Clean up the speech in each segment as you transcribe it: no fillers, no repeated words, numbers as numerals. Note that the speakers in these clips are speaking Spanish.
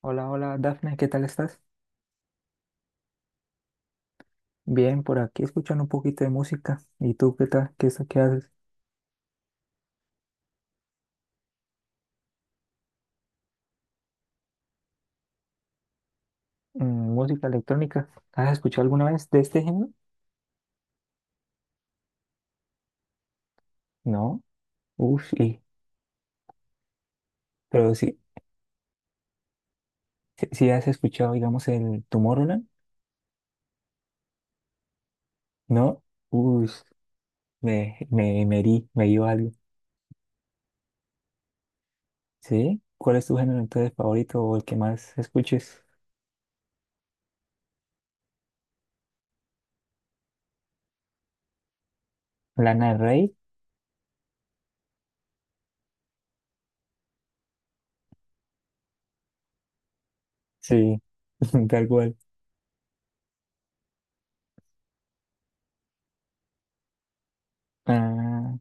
Hola, hola, Dafne, ¿qué tal estás? Bien, por aquí escuchando un poquito de música. ¿Y tú qué tal? ¿ qué haces? Música electrónica. ¿Has escuchado alguna vez de este género? No. Uf, y, pero sí has escuchado, digamos, el Tomorrowland, ¿no? Uf, me herí, me dio algo. ¿Sí? ¿Cuál es tu género entonces favorito o el que más escuches? ¿Lana del Rey? Sí, tal cual. Ah,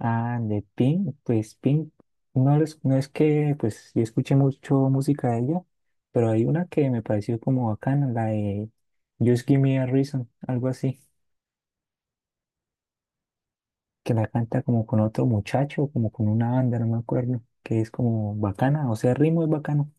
Ah, de Pink, pues Pink, no es que, pues yo escuché mucho música de ella, pero hay una que me pareció como bacana, la de Just Give Me a Reason, algo así, que la canta como con otro muchacho, como con una banda, no me acuerdo, que es como bacana, o sea, el ritmo es bacano.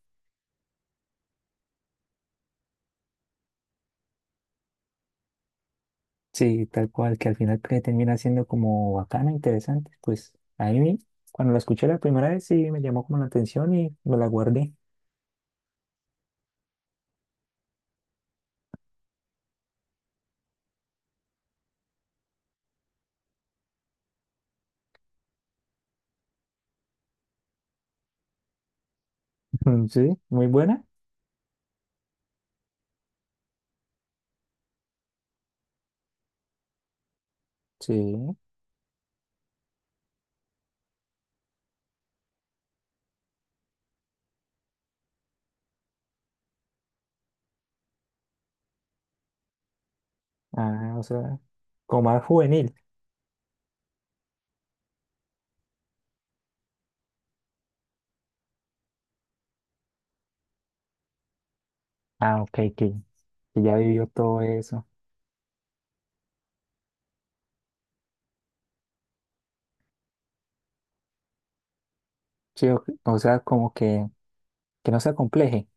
Sí, tal cual, que al final que termina siendo como bacana, interesante. Pues ahí cuando la escuché la primera vez, sí me llamó como la atención y me la guardé. Sí, muy buena. Sí. Ah, o sea, como más juvenil. Ah, ok, que, que ya vivió todo eso. Sí, o sea, como que no se acompleje.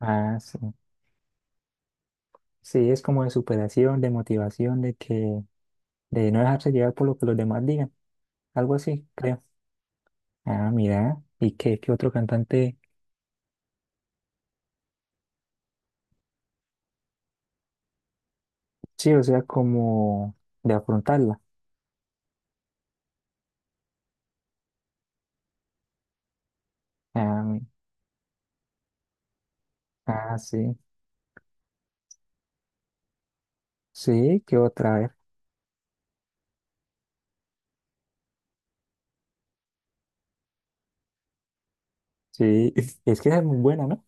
Ah, sí. Sí, es como de superación, de motivación, de que, de no dejarse llevar por lo que los demás digan. Algo así, creo. Ah, mira. ¿Y qué otro cantante? Sí, o sea, como de afrontarla. Ah, mi- ah, sí. Sí, qué otra vez. Sí, es que esa es muy buena, ¿no?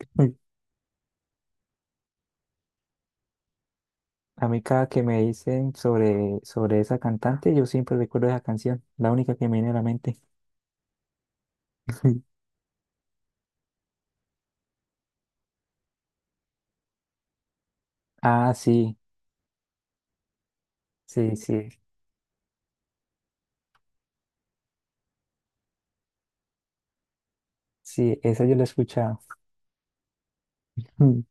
A mí cada que me dicen sobre esa cantante, yo siempre recuerdo esa canción, la única que me viene a la mente. Ah, sí, sí, sí, esa yo la he escuchado. Mm.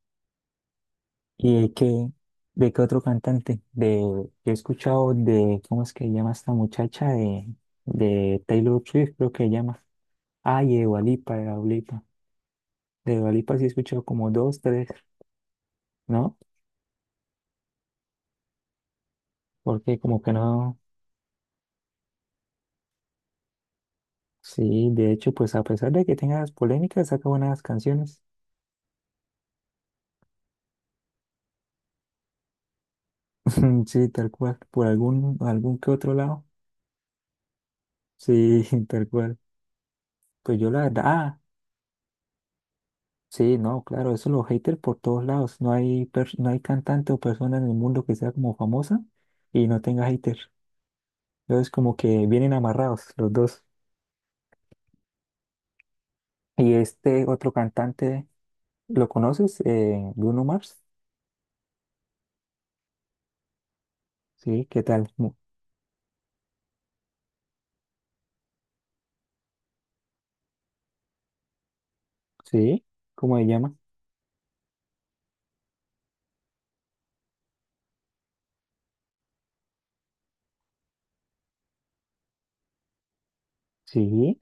¿Y de qué otro cantante? De, yo he escuchado de, ¿cómo es que se llama esta muchacha? De Taylor Swift, creo que se llama. Ah, y de Dua Lipa. De Dua Lipa sí he escuchado como dos, tres, ¿no? Porque como que no, sí, de hecho, pues a pesar de que tenga las polémicas, saca buenas canciones. Sí, tal cual, por algún que otro lado. Sí, tal cual. Pues yo la verdad, ah, sí, no, claro, eso los haters por todos lados. No hay, pers- no hay cantante o persona en el mundo que sea como famosa y no tenga haters. Entonces como que vienen amarrados los dos. Y este otro cantante, ¿lo conoces? Bruno Mars. Sí, ¿qué tal? Mu- Sí, ¿cómo se llama? Sí,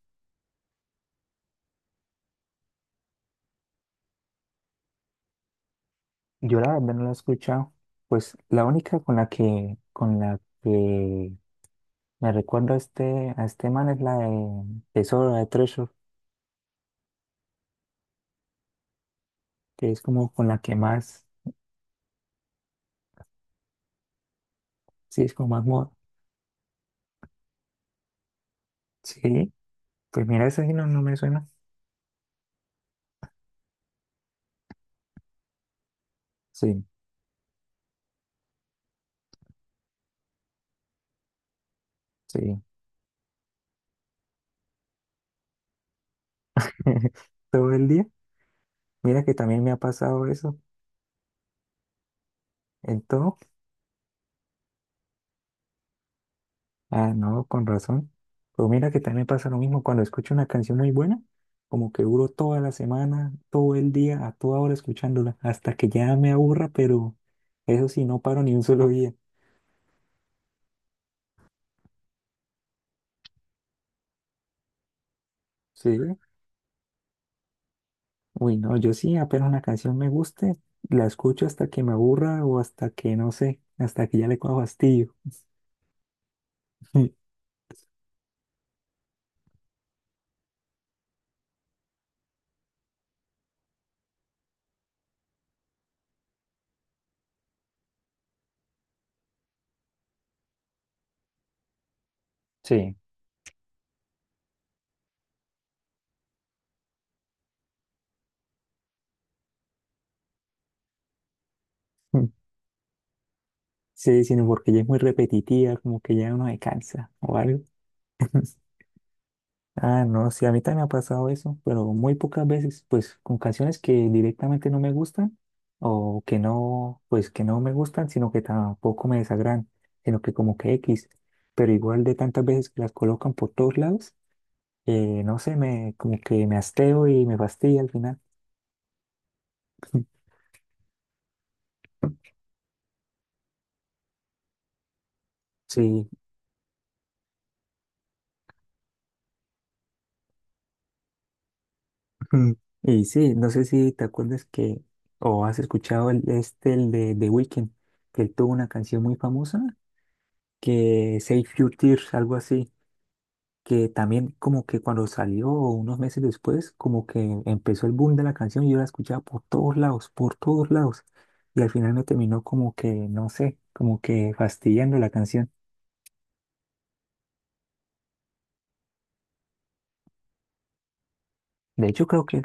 yo la verdad no lo he escuchado. Pues la única con la que me recuerdo a este man es la de Tesoro, la de Treasure, que es como con la que más, sí, es como más moda. Sí, pues mira, esa sí no, no me suena. Sí, sí. Todo el día. Mira que también me ha pasado eso. En todo. Ah, no, con razón. Pero mira que también me pasa lo mismo cuando escucho una canción muy buena, como que duro toda la semana, todo el día, a toda hora escuchándola, hasta que ya me aburra, pero eso sí, no paro ni un solo día. Sí. Uy, no, yo sí, apenas una canción me guste, la escucho hasta que me aburra o hasta que, no sé, hasta que ya le coja fastidio. Sí. Mm. Sí, sino porque ya es muy repetitiva, como que ya uno se cansa o algo. Ah, no, sí, a mí también me ha pasado eso, pero muy pocas veces, pues con canciones que directamente no me gustan o que no, pues que no me gustan, sino que tampoco me desagradan, sino que como que X, pero igual de tantas veces que las colocan por todos lados. No sé, me, como que me hasteo y me fastidia al final. Sí, y sí, no sé si te acuerdas que, o has escuchado el, este, el de The Weeknd, que él tuvo una canción muy famosa, que Save Your Tears, algo así, que también como que cuando salió unos meses después, como que empezó el boom de la canción y yo la escuchaba por todos lados, y al final me terminó como que, no sé, como que fastidiando la canción. De hecho, creo que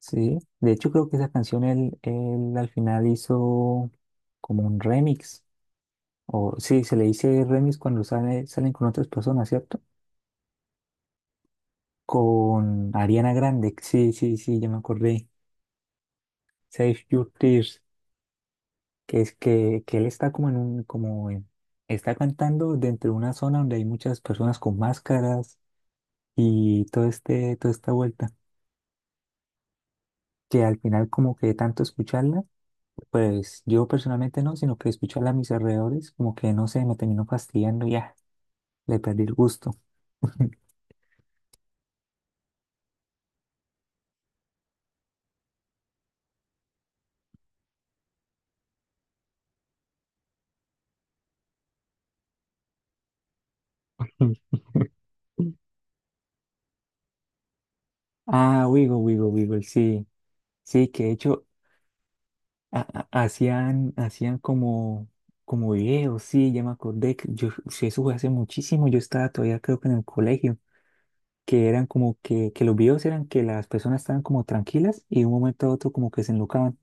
sí, de hecho creo que esa canción él al final hizo como un remix, o sí, se le dice remix cuando sale, salen con otras personas, ¿cierto? Con Ariana Grande, sí, ya me acordé, Save Your Tears, que es que él está como en un, como en- está cantando dentro de una zona donde hay muchas personas con máscaras y todo este, toda esta vuelta, que al final como que de tanto escucharla pues yo personalmente no, sino que escucho a mis alrededores, como que no sé, me termino fastidiando y ya, le perdí el gusto. Ah, Wigo, sí, sí, que de hecho ha- ha- hacían, hacían como, como videos, sí, ya me acordé, que yo, sí, eso fue hace muchísimo, yo estaba todavía creo que en el colegio, que eran como que los videos eran que las personas estaban como tranquilas y de un momento a otro como que se enlocaban.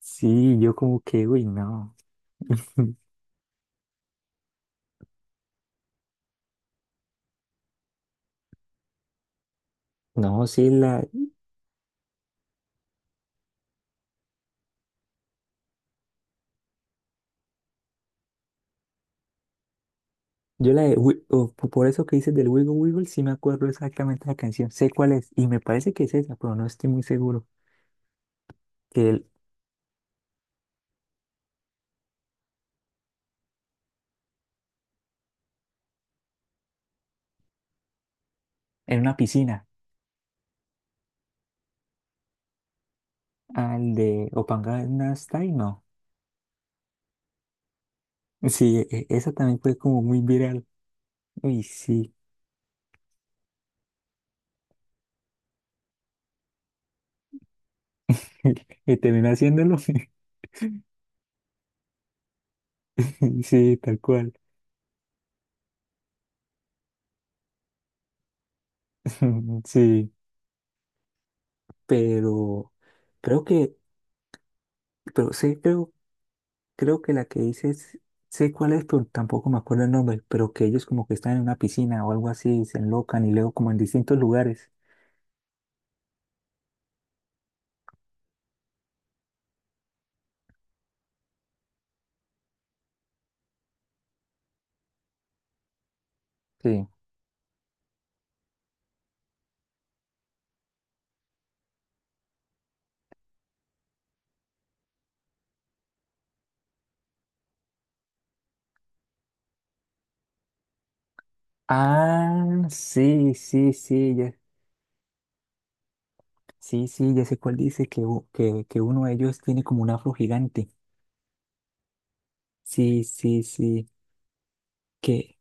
Sí, yo como que, uy, no, no, sí, la, yo la de, Wi- o po- por eso que dices del Wiggle, sí me acuerdo exactamente la canción, sé cuál es, y me parece que es esa, pero no estoy muy seguro, que el- en una piscina, al de Opanganastai, no. Sí, e- e- esa también fue como muy viral, uy, sí, y terminé haciéndolo, sí, tal cual, sí, pero creo que, pero sí, creo creo que la que dices, sé cuál es, pero tampoco me acuerdo el nombre, pero que ellos como que están en una piscina o algo así, y se enlocan y luego como en distintos lugares. Sí. Ah, sí, ya sé cuál dice, que, u- que uno de ellos tiene como un afro gigante. Sí, que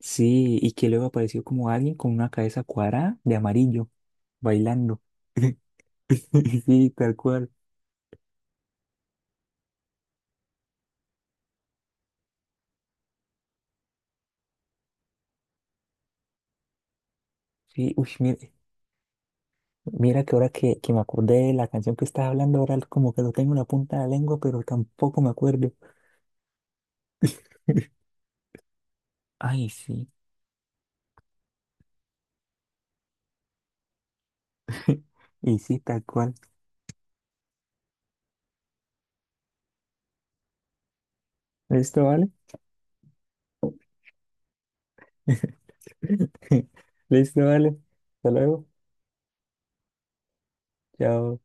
sí, y que luego apareció como alguien con una cabeza cuadrada de amarillo, bailando. Sí, tal cual. Sí, uy, mira, mira que ahora que me acordé de la canción que estás hablando, ahora como que lo tengo en la punta de la lengua, pero tampoco me acuerdo. Ay, sí. Y sí, tal cual. ¿Listo, vale? ¿Listo, vale? Hasta luego. Chao.